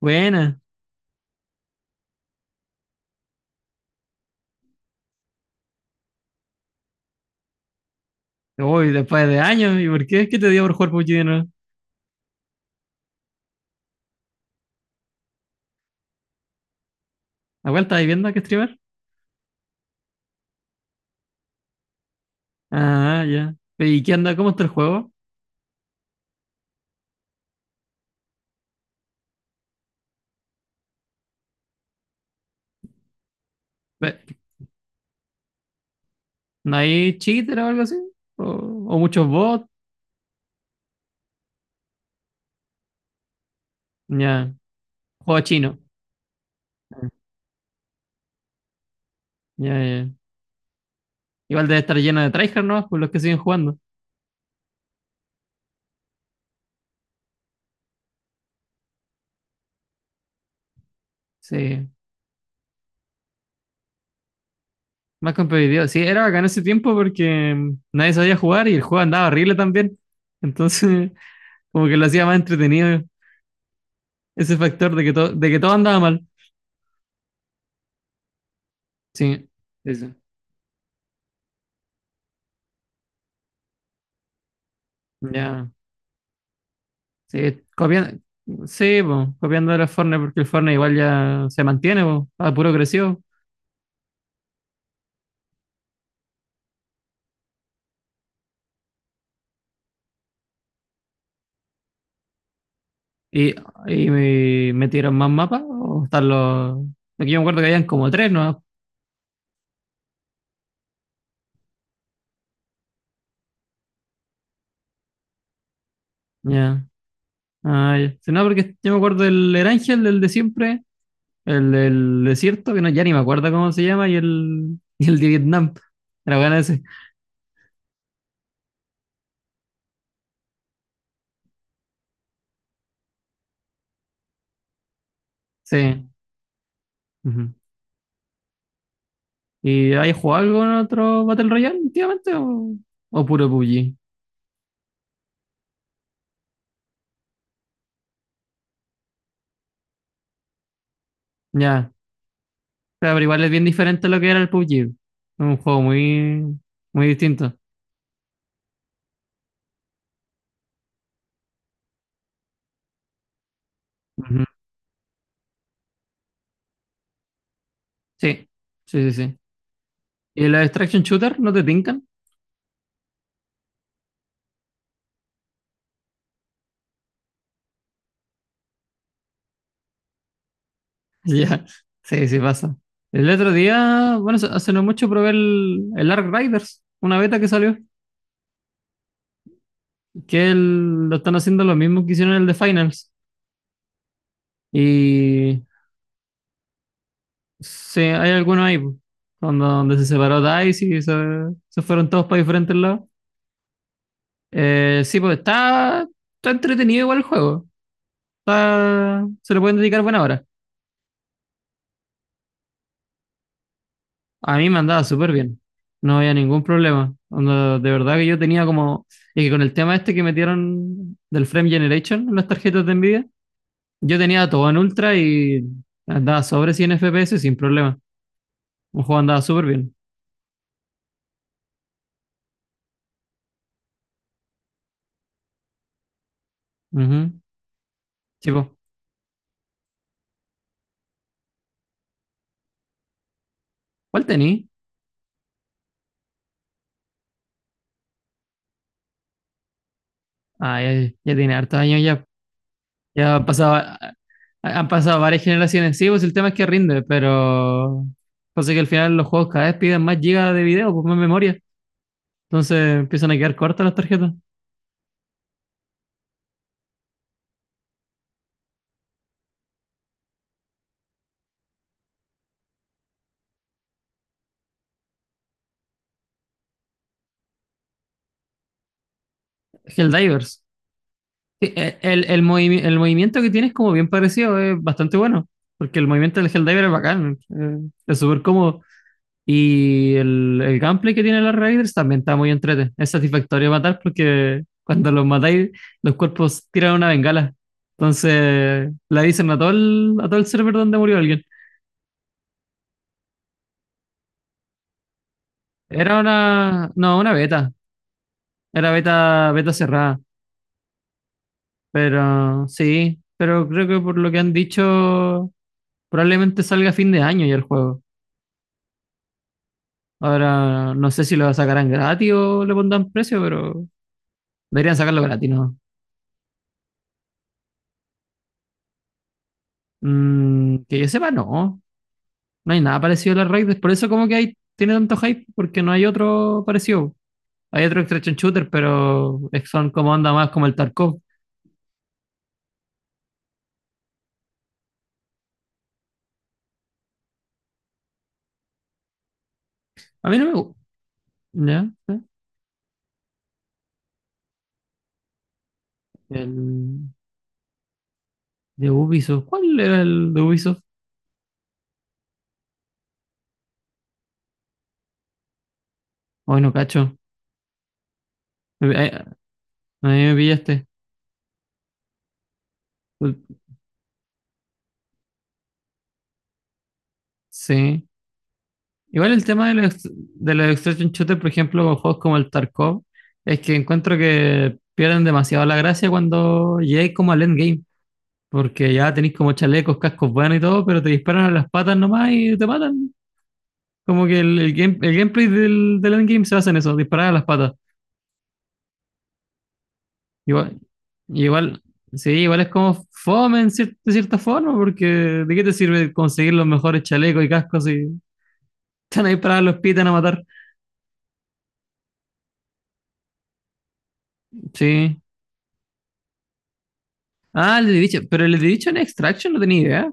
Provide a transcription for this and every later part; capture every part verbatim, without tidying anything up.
Buena. Uy, después de años. ¿Y por qué? ¿Qué te dio por jugar P U B G de nuevo? ¿La cual estás viendo que streamer? Ah, ya. ¿Y qué anda? ¿Cómo está el juego? Ve- ¿No hay cheater o algo así? ¿O, o muchos bots? Ya. Juego chino. Ya, ya. Igual debe estar lleno de tryhard, ¿no? Por los que siguen jugando. Sí. Más competitivo. Sí, era bacán ese tiempo porque mm, nadie sabía jugar y el juego andaba horrible también. Entonces, como que lo hacía más entretenido ese factor de que, todo de que todo andaba mal. Sí. Sí, sí. Ya. Sí, copiando, sí, po, copiando de los Fortnite, porque el Fortnite igual ya se mantiene, po, a puro creció. Y, y me metieron más mapas, o están los. Aquí yo me acuerdo que habían como tres, ¿no? Ya. Ah, ya. Sí, no, porque yo me acuerdo del Erangel, el de siempre, el del desierto, que no, ya ni me acuerdo cómo se llama, y el, y el de Vietnam. Era bueno ese. Sí. Ujú. ¿Y hay jugado algo en otro Battle Royale últimamente o, o puro P U B G? Ya. Claro, pero igual es bien diferente a lo que era el P U B G. Es un juego muy, muy distinto. Ujú. Sí, sí, sí, sí. ¿Y los extraction shooter no te tincan? Ya, sí, sí pasa. El otro día, bueno, hace hace no mucho probé el, el Ark Riders, una beta que salió, que el- lo están haciendo lo mismo que hicieron el de Finals. Y sí, hay algunos ahí, po, cuando, donde se separó D I C E y se, se fueron todos para diferentes lados. Eh, sí, pues está, está entretenido igual el juego. Está- se le pueden dedicar buena hora. A mí me andaba súper bien, no había ningún problema. Onda, de verdad que yo tenía como, y que con el tema este que metieron del Frame Generation en las tarjetas de Nvidia, yo tenía todo en ultra y andaba sobre cien F P S sin problema. Un juego andaba súper bien. Ujú. Sí, po. ¿Cuál tení? Ah, ya, ya tiene hartos años ya. Ya han pasado, han pasado varias generaciones. Sí, pues el tema es que rinde, pero... Pasa que al final los juegos cada vez piden más gigas de video, pues más memoria. Entonces empiezan a quedar cortas las tarjetas. Helldivers. Sí, eh, El, el, movi- el movimiento que tiene es como bien parecido, es bastante bueno. Porque el movimiento del Helldiver es bacán, eh, es súper cómodo. Y el, el gameplay que tiene los Raiders también está muy entrete. Es satisfactorio matar porque cuando los matáis, los cuerpos tiran una bengala. Entonces la dicen a todo el, a todo el server donde murió alguien. Era una, no, una beta. Era beta, beta cerrada. Pero sí, pero creo que por lo que han dicho, probablemente salga a fin de año ya el juego. Ahora, no sé si lo sacarán gratis o le pondrán precio, pero deberían sacarlo gratis, ¿no? Mm, que yo sepa, no. No hay nada parecido a las Raiders. Por eso como que hay, tiene tanto hype, porque no hay otro parecido. Hay otro extraction shooter, pero son como anda más como el Tarkov. A mí no me gusta. ¿Ya? ¿Ya? El de Ubisoft. ¿Cuál era el de Ubisoft? Ay, no cacho. A a mí me pillaste. Sí. Igual el tema de los, ex- de los extraction shooters, por ejemplo, con juegos como el Tarkov, es que encuentro que pierden demasiado la gracia cuando llegáis como al endgame, porque ya tenéis como chalecos, cascos buenos y todo, pero te disparan a las patas nomás y te matan. Como que el, el game- el gameplay del, del endgame se basa en eso, disparar a las patas. Igual, igual, sí, igual es como fome en cier- de cierta forma, porque ¿de qué te sirve conseguir los mejores chalecos y cascos si están ahí para los pitan a matar? Sí. Ah, el de Division. Pero el de Division Extraction no tenía idea.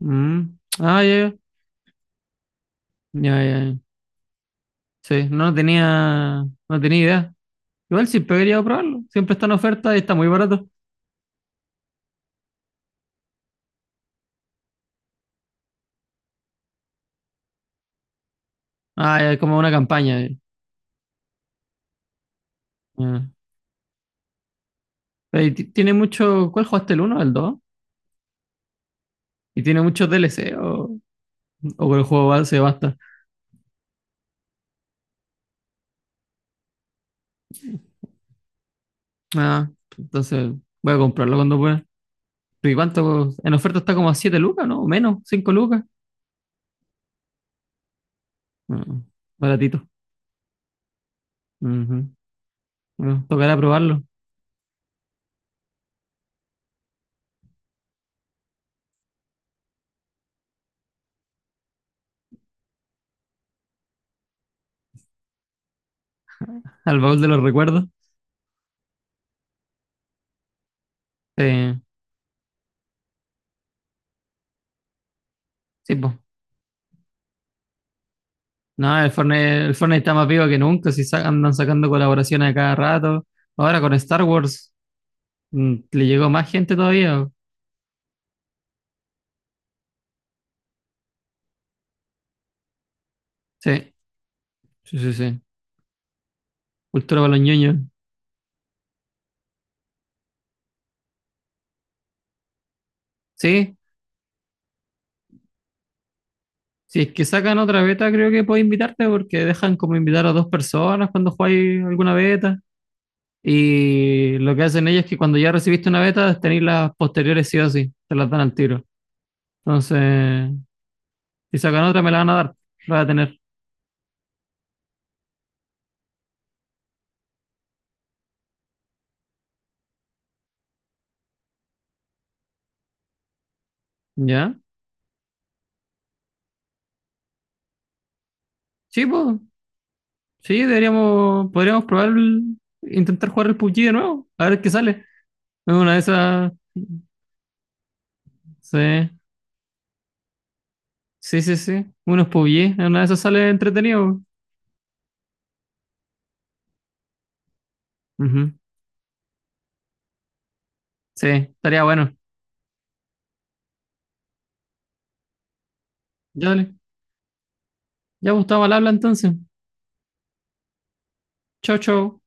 Mm. Ah, ya, ya, ya, ya. Sí, no tenía, no tenía idea. Igual siempre he querido probarlo. Siempre está en oferta y está muy barato. Ah, ya, es como una campaña. Eh. Ah. Pero y ti- tiene mucho. ¿Cuál jugaste el uno, o el dos? ¿Y tiene muchos D L C o, o con el juego base basta? Ah, entonces voy a comprarlo cuando pueda. ¿Pero y cuánto? En oferta está como a siete lucas, ¿no? O menos, cinco lucas. Ah, baratito. Ujú. Bueno, tocará probarlo. Al baúl de los recuerdos. Eh, Sí, pues. No, el Fortnite, el Fortnite está más vivo que nunca, si sa- andan sacando colaboraciones a cada rato. Ahora con Star Wars mm, le llegó más gente todavía. Sí, sí, sí, sí. Cultura para los ñoños. Sí, si es que sacan otra beta, creo que puedo invitarte porque dejan como invitar a dos personas cuando jugáis alguna beta. Y lo que hacen ellos es que cuando ya recibiste una beta, tenéis las posteriores sí o sí, te las dan al tiro. Entonces, si sacan otra, me la van a dar, la voy a tener. ¿Ya? Sí, pues. Sí, deberíamos, podríamos probar, el- intentar jugar el P U B G de nuevo, a ver qué sale. En una de esas, sí, sí, sí, sí, unos P U B G, en una de esas sale entretenido. Ujú, sí, estaría bueno. Ya, dale. Ya Gustavo, al habla entonces. Chau, chau.